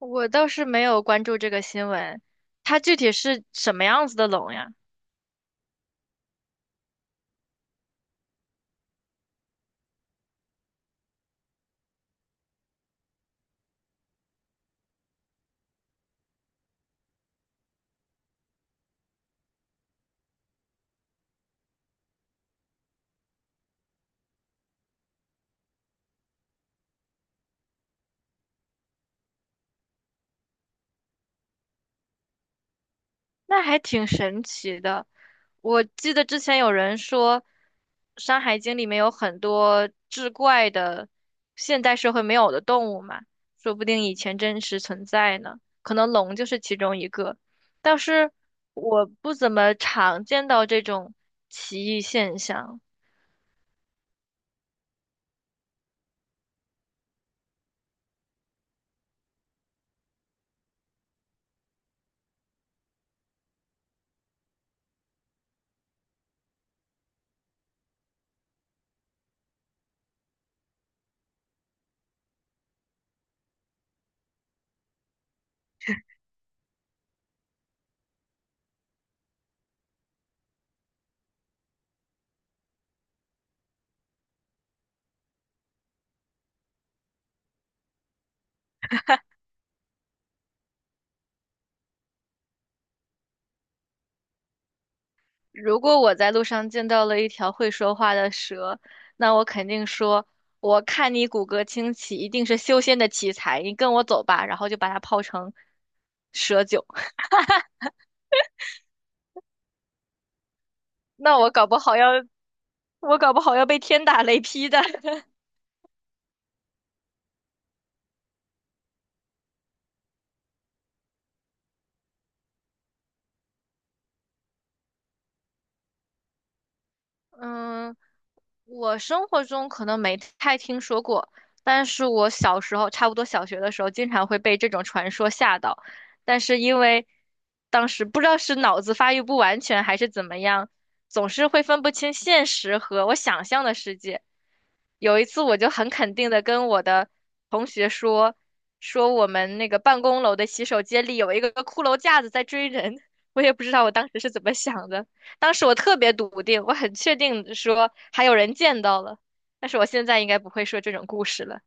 我倒是没有关注这个新闻，它具体是什么样子的龙呀？那还挺神奇的。我记得之前有人说，《山海经》里面有很多志怪的现代社会没有的动物嘛，说不定以前真实存在呢。可能龙就是其中一个，但是我不怎么常见到这种奇异现象。如果我在路上见到了一条会说话的蛇，那我肯定说：“我看你骨骼清奇，一定是修仙的奇才，你跟我走吧。”然后就把它泡成蛇酒。那我搞不好要，我搞不好要被天打雷劈的。嗯，我生活中可能没太听说过，但是我小时候，差不多小学的时候，经常会被这种传说吓到。但是因为当时不知道是脑子发育不完全还是怎么样，总是会分不清现实和我想象的世界。有一次，我就很肯定的跟我的同学说，说我们那个办公楼的洗手间里有一个骷髅架子在追人。我也不知道我当时是怎么想的。当时我特别笃定，我很确定地说还有人见到了，但是我现在应该不会说这种故事了。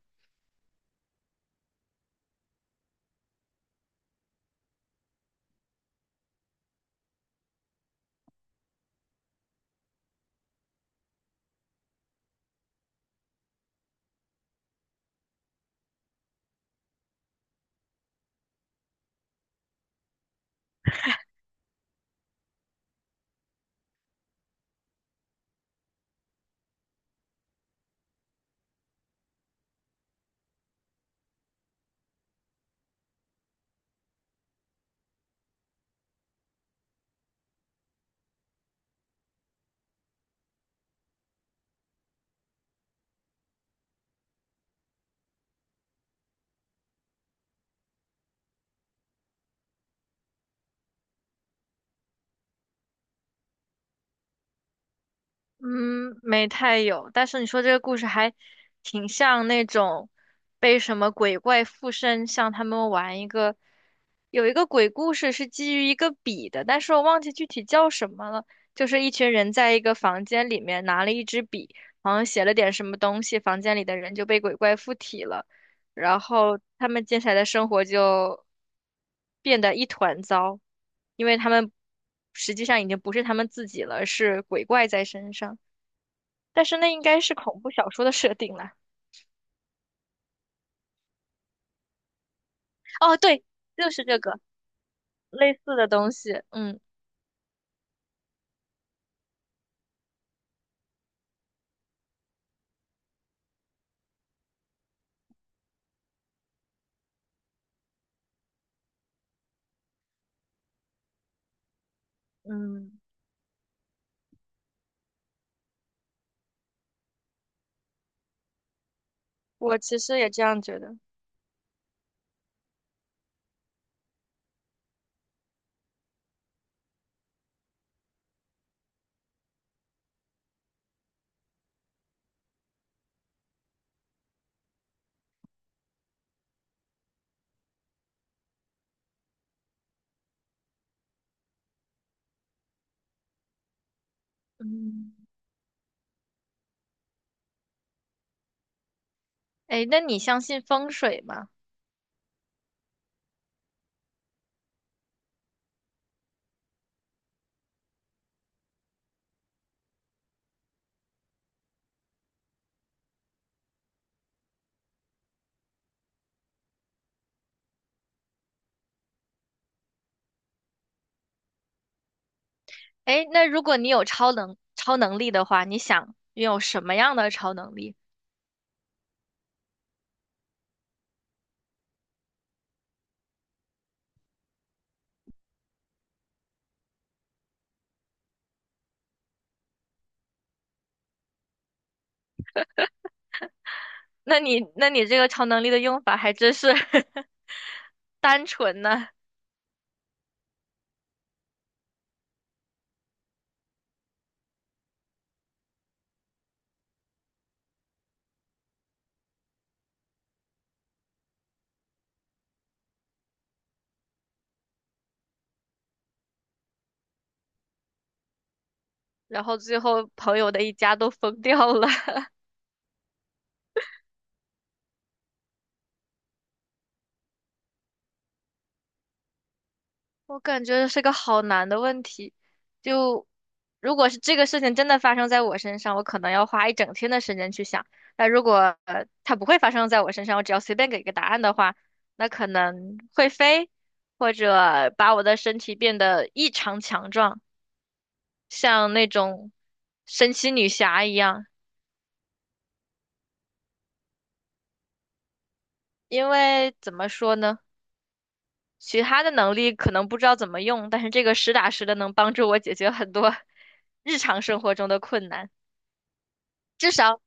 嗯，没太有，但是你说这个故事还挺像那种被什么鬼怪附身，像他们玩一个，有一个鬼故事是基于一个笔的，但是我忘记具体叫什么了。就是一群人在一个房间里面拿了一支笔，好像写了点什么东西，房间里的人就被鬼怪附体了。然后他们接下来的生活就变得一团糟，因为他们实际上已经不是他们自己了，是鬼怪在身上。但是那应该是恐怖小说的设定啦。哦，对，就是这个类似的东西。嗯嗯，我其实也这样觉得。嗯，哎，那你相信风水吗？哎，那如果你有超能力的话，你想拥有什么样的超能力？那你这个超能力的用法还真是 单纯呢。然后最后朋友的一家都疯掉了，我感觉这是个好难的问题。就如果是这个事情真的发生在我身上，我可能要花一整天的时间去想。那如果它不会发生在我身上，我只要随便给个答案的话，那可能会飞，或者把我的身体变得异常强壮，像那种神奇女侠一样。因为怎么说呢，其他的能力可能不知道怎么用，但是这个实打实的能帮助我解决很多 日常生活中的困难。至少，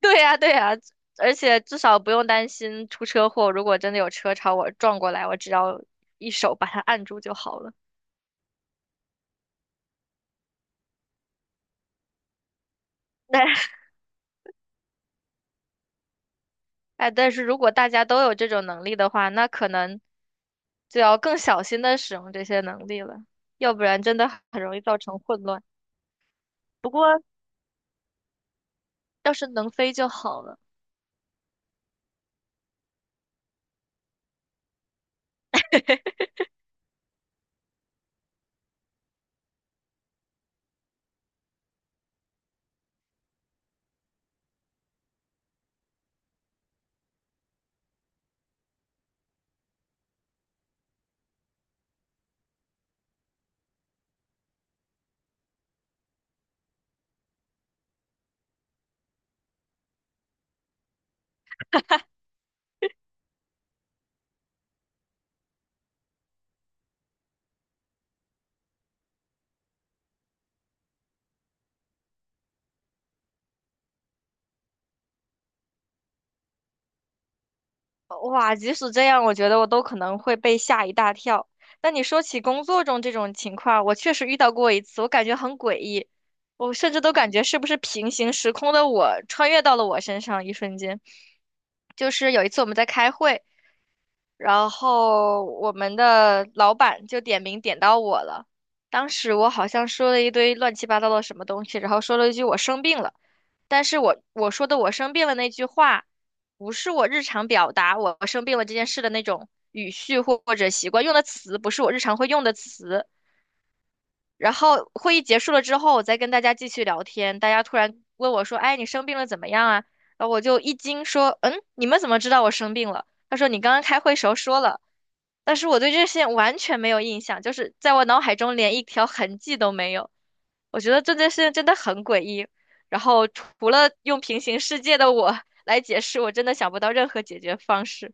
对呀，对呀，而且至少不用担心出车祸。如果真的有车朝我撞过来，我只要一手把它按住就好了。但哎，但是如果大家都有这种能力的话，那可能就要更小心的使用这些能力了，要不然真的很容易造成混乱。不过要是能飞就好了。哇，即使这样，我觉得我都可能会被吓一大跳。但你说起工作中这种情况，我确实遇到过一次，我感觉很诡异，我甚至都感觉是不是平行时空的我穿越到了我身上，一瞬间。就是有一次我们在开会，然后我们的老板就点名点到我了。当时我好像说了一堆乱七八糟的什么东西，然后说了一句我生病了，但是我说的我生病了那句话，不是我日常表达我生病了这件事的那种语序或者习惯，用的词不是我日常会用的词。然后会议结束了之后，我再跟大家继续聊天，大家突然问我说：“哎，你生病了怎么样啊？”然后我就一惊说：“嗯，你们怎么知道我生病了？”他说：“你刚刚开会时候说了。”但是我对这些完全没有印象，就是在我脑海中连一条痕迹都没有。我觉得这件事情真的很诡异。然后除了用平行世界的我 来解释，我真的想不到任何解决方式。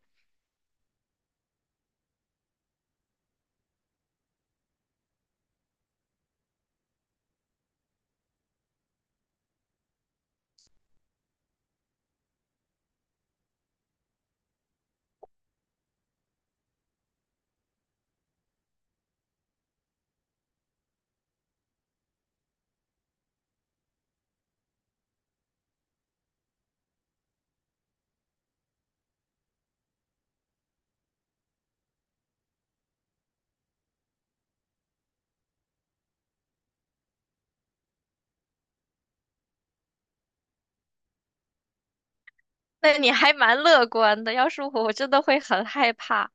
那你还蛮乐观的，要是我，我真的会很害怕，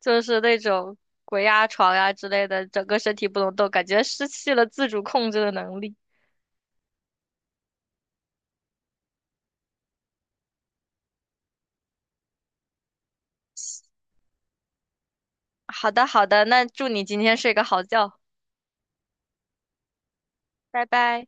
就是那种鬼压床呀之类的，整个身体不能动，感觉失去了自主控制的能力。好的，好的，那祝你今天睡个好觉，拜拜。